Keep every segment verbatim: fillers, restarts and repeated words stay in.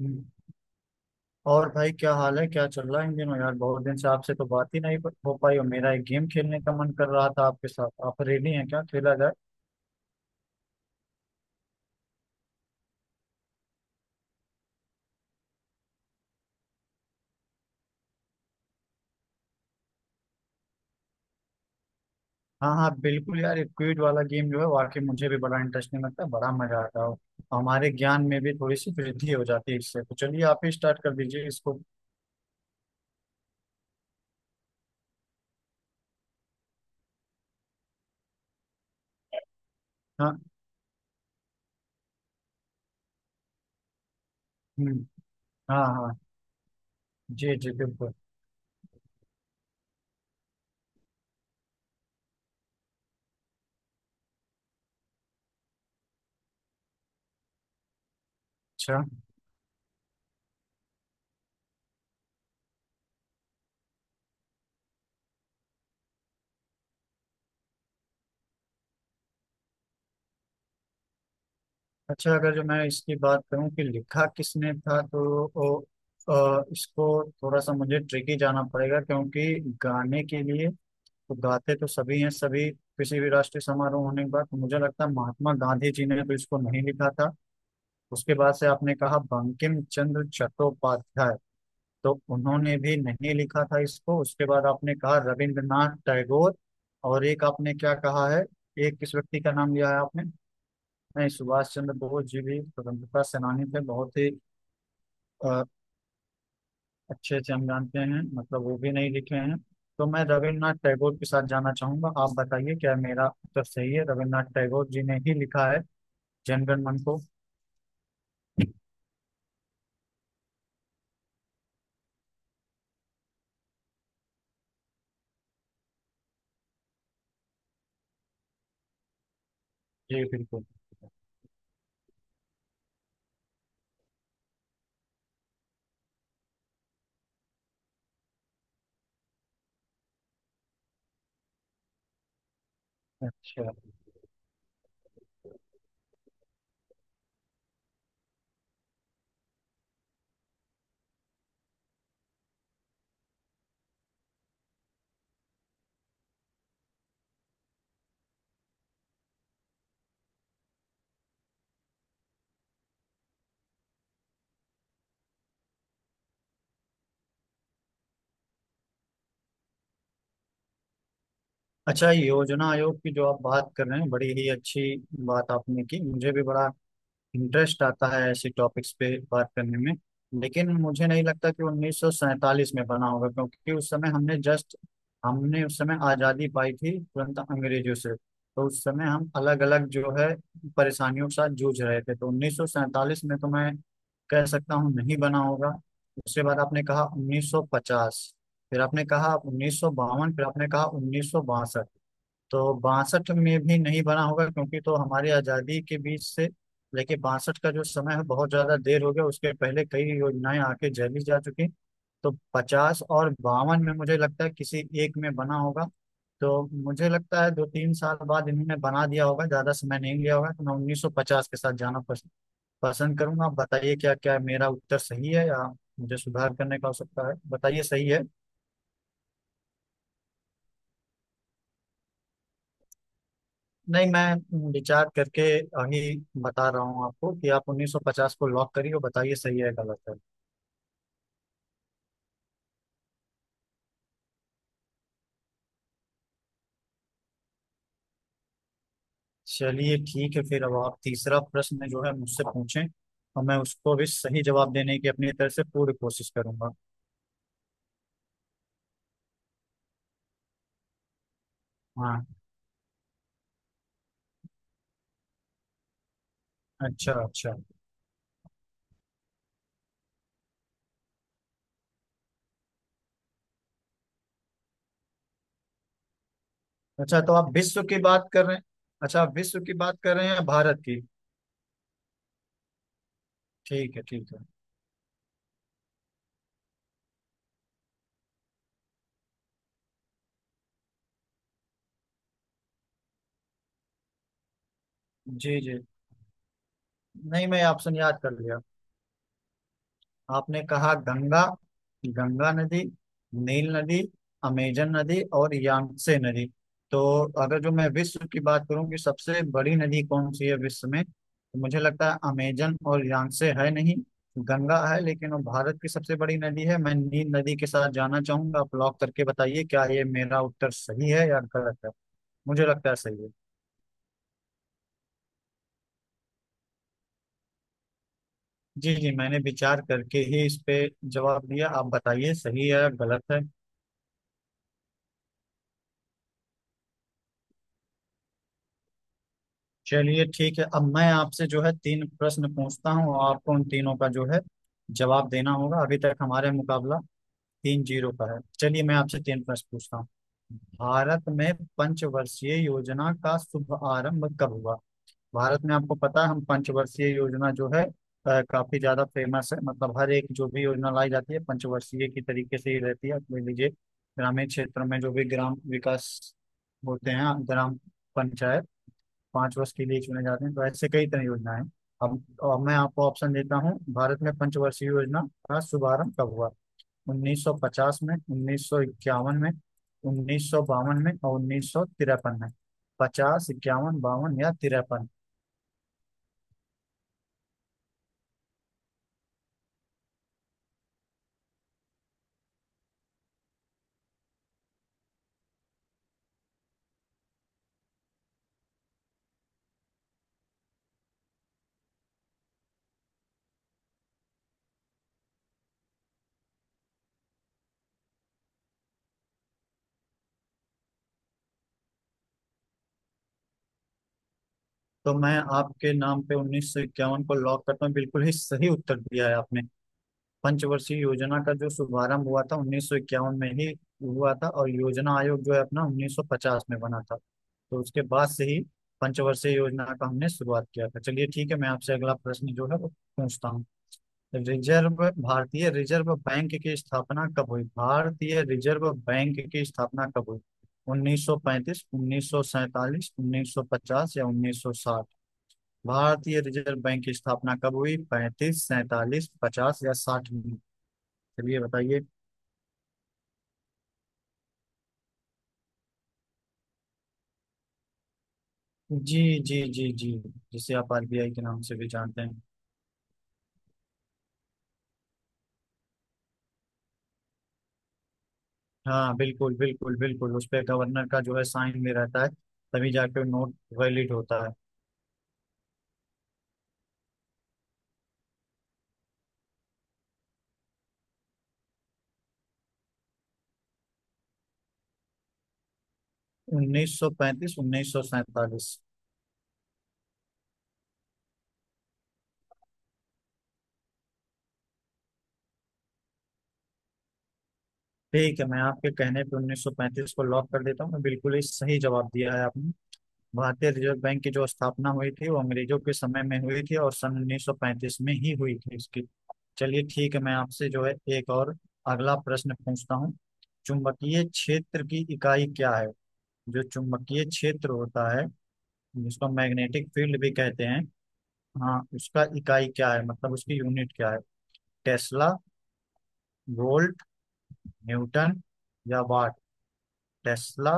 हम्म। और भाई क्या हाल है, क्या चल रहा है इन दिनों यार। बहुत दिन से आपसे तो बात ही नहीं हो पाई, और मेरा एक गेम खेलने का मन कर रहा था आपके साथ। आप रेडी हैं? क्या खेला जाए? हाँ हाँ बिल्कुल यार, एक क्विज वाला गेम जो है वाकई मुझे भी बड़ा इंटरेस्टिंग लगता है, बड़ा मजा आता है। हमारे ज्ञान में भी थोड़ी सी वृद्धि हो जाती है इससे। तो चलिए आप ही स्टार्ट कर दीजिए इसको। हाँ, हम्म, हाँ हाँ, जी जी बिल्कुल। अच्छा अच्छा, अगर जो मैं इसकी बात करूं कि लिखा किसने था तो ओ, अ, इसको थोड़ा सा मुझे ट्रिकी जाना पड़ेगा, क्योंकि गाने के लिए तो गाते तो सभी हैं, सभी किसी भी राष्ट्रीय समारोह होने के बाद। तो मुझे लगता है महात्मा गांधी जी ने तो इसको नहीं लिखा था। उसके बाद से आपने कहा बंकिम चंद्र चट्टोपाध्याय, तो उन्होंने भी नहीं लिखा था इसको। उसके बाद आपने कहा रविंद्रनाथ टैगोर, और एक आपने क्या कहा है, एक किस व्यक्ति का नाम लिया है आपने? नहीं, सुभाष चंद्र बोस जी भी स्वतंत्रता सेनानी थे, बहुत ही अ, अच्छे से हम जानते हैं, मतलब वो भी नहीं लिखे हैं। तो मैं रविन्द्रनाथ टैगोर के साथ जाना चाहूंगा। आप बताइए, क्या मेरा उत्तर सही है? रविन्द्रनाथ टैगोर जी ने ही लिखा है जनगण मन को? जी बिल्कुल। अच्छा अच्छा, योजना आयोग की जो आप बात कर रहे हैं, बड़ी ही अच्छी बात आपने की। मुझे भी बड़ा इंटरेस्ट आता है ऐसे टॉपिक्स पे बात करने में। लेकिन मुझे नहीं लगता कि उन्नीस सौ सैंतालीस में बना होगा, क्योंकि उस समय हमने जस्ट, हमने उस समय आज़ादी पाई थी तुरंत अंग्रेजों से, तो उस समय हम अलग अलग जो है परेशानियों के साथ जूझ रहे थे। तो उन्नीस सौ सैंतालीस में तो मैं कह सकता हूँ नहीं बना होगा। उसके बाद आपने कहा उन्नीस सौ पचास, फिर आपने कहा उन्नीस सौ बावन, फिर आपने कहा उन्नीस सौ बासठ। तो बासठ में भी नहीं बना होगा क्योंकि तो हमारी आज़ादी के बीच से लेके बासठ का जो समय है बहुत ज़्यादा देर हो गया, उसके पहले कई योजनाएं आके झेली जा चुकी। तो पचास और बावन में मुझे लगता है किसी एक में बना होगा। तो मुझे लगता है दो तीन साल बाद इन्होंने बना दिया होगा, ज़्यादा समय नहीं लिया होगा। तो मैं उन्नीस सौ पचास के साथ जाना पस, पसंद करूंगा। आप बताइए, क्या क्या मेरा उत्तर सही है या मुझे सुधार करने का आवश्यकता है? बताइए सही है। नहीं, मैं विचार करके आगे बता रहा हूँ आपको कि आप उन्नीस सौ पचास को लॉक करिए, और बताइए सही है या गलत है। चलिए ठीक है, फिर अब आप तीसरा प्रश्न जो है मुझसे पूछें, और मैं उसको भी सही जवाब देने की अपनी तरफ से पूरी कोशिश करूंगा। हाँ, अच्छा अच्छा। अच्छा, तो आप विश्व की बात कर रहे हैं? अच्छा, आप विश्व की बात कर रहे हैं या भारत की? ठीक है ठीक है। जी जी, नहीं मैं ऑप्शन याद कर लिया। आपने कहा गंगा, गंगा नदी, नील नदी, अमेजन नदी और यांगसे नदी। तो अगर जो मैं विश्व की बात करूं कि सबसे बड़ी नदी कौन सी है विश्व में, तो मुझे लगता है अमेजन और यांगसे है, नहीं गंगा है, लेकिन वो भारत की सबसे बड़ी नदी है। मैं नील नदी के साथ जाना चाहूंगा। आप लॉक करके बताइए क्या ये मेरा उत्तर सही है या गलत है। मुझे लगता है सही है। जी जी, मैंने विचार करके ही इस पे जवाब दिया। आप बताइए सही है या गलत है। चलिए ठीक है, अब मैं आपसे जो है तीन प्रश्न पूछता हूँ, और आपको उन तीनों का जो है जवाब देना होगा। अभी तक हमारा मुकाबला तीन जीरो का है। चलिए मैं आपसे तीन प्रश्न पूछता हूँ। भारत में पंचवर्षीय योजना का शुभ आरंभ कब हुआ? भारत में आपको पता है हम पंचवर्षीय योजना जो है अ, काफी ज्यादा फेमस है, मतलब हर एक जो भी योजना लाई जाती है पंचवर्षीय की तरीके से ही रहती है। आप ले लीजिए ग्रामीण क्षेत्र में, जो भी ग्राम विकास होते हैं, ग्राम पंचायत पांच वर्ष के लिए चुने जाते हैं। तो ऐसे कई तरह की योजनाएं हैं। अब और मैं आपको ऑप्शन देता हूँ, भारत में पंचवर्षीय योजना का शुभारंभ कब हुआ? उन्नीस सौ पचास में, उन्नीस सौ इक्यावन में, उन्नीस सौ बावन में और उन्नीस सौ तिरपन में। पचास, इक्यावन, बावन या तिरपन? तो मैं आपके नाम पे उन्नीस सौ इक्यावन को लॉक करता हूँ। बिल्कुल ही सही उत्तर दिया है आपने। पंचवर्षीय योजना का जो शुभारंभ हुआ था उन्नीस सौ इक्यावन में ही हुआ था, और योजना आयोग जो है अपना उन्नीस सौ पचास में बना था, तो उसके बाद से ही पंचवर्षीय योजना का हमने शुरुआत किया था। चलिए ठीक है, मैं आपसे अगला प्रश्न जो है वो पूछता हूँ। रिजर्व, भारतीय रिजर्व बैंक की स्थापना कब हुई? भारतीय रिजर्व बैंक की स्थापना कब हुई? उन्नीस सौ पैंतीस, उन्नीस सौ सैंतालीस, उन्नीस सौ पचास या उन्नीस सौ साठ? भारतीय रिजर्व बैंक की स्थापना कब हुई? पैंतीस, सैतालीस, पचास या साठ में? चलिए बताइए। जी जी जी जी, जिसे आप आर बी आई के नाम से भी जानते हैं। हाँ बिल्कुल बिल्कुल बिल्कुल, उस पे गवर्नर का जो है साइन भी रहता है, तभी जाके नोट वैलिड होता है। उन्नीस सौ पैंतीस, उन्नीस सौ सैंतालीस। ठीक है, मैं आपके कहने पे उन्नीस सौ पैंतीस को लॉक कर देता हूँ। मैं बिल्कुल ही सही जवाब दिया है आपने। भारतीय रिजर्व बैंक की जो स्थापना हुई थी वो अंग्रेजों के समय में हुई थी, और सन उन्नीस सौ पैंतीस में ही हुई थी इसकी। चलिए ठीक है, मैं आपसे जो है एक और अगला प्रश्न पूछता हूँ। चुंबकीय क्षेत्र की इकाई क्या है? जो चुंबकीय क्षेत्र होता है, जिसको मैग्नेटिक फील्ड भी कहते हैं, हाँ उसका इकाई क्या है, मतलब उसकी यूनिट क्या है? टेस्ला, वोल्ट, न्यूटन या वाट? टेस्ला,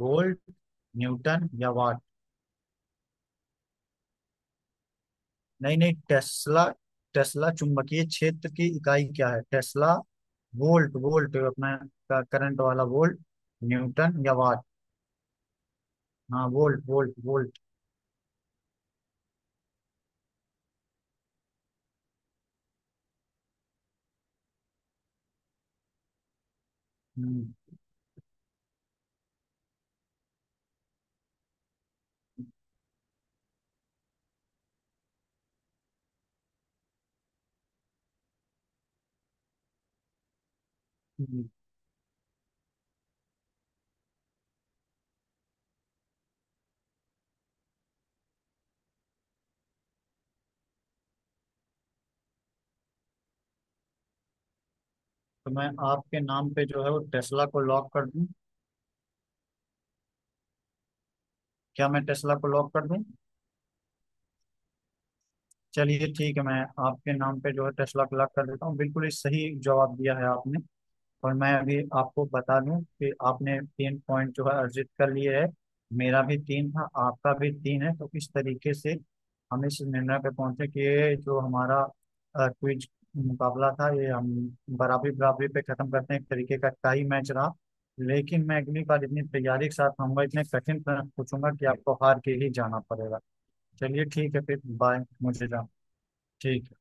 वोल्ट, न्यूटन या वाट? नहीं नहीं, टेस्ला, टेस्ला। चुंबकीय क्षेत्र की इकाई क्या है? टेस्ला, वोल्ट, वोल्ट अपना करंट वाला वोल्ट, न्यूटन या वाट? हाँ वोल्ट वोल्ट वोल्ट। हम्म, हम्म। तो मैं आपके नाम पे जो है वो टेस्ला को लॉक कर दूं? क्या मैं टेस्ला को लॉक कर दूं? चलिए ठीक है, मैं आपके नाम पे जो है दस लाख लाख कर देता हूँ। बिल्कुल ही सही जवाब दिया है आपने। और मैं अभी आपको बता दूं कि आपने तीन पॉइंट जो है अर्जित कर लिए है। मेरा भी तीन था, आपका भी तीन है, तो इस तरीके से हम इस निर्णय पे पहुंचे कि ये जो हमारा क्विज मुकाबला था ये हम बराबरी बराबरी पे खत्म करते हैं, एक तरीके का टाई मैच रहा। लेकिन मैं अगली बार इतनी तैयारी के साथ आऊंगा, इतने कठिन प्रश्न पूछूंगा कि आपको हार के ही जाना पड़ेगा। चलिए ठीक है फिर, बाय, मुझे जाना। ठीक है।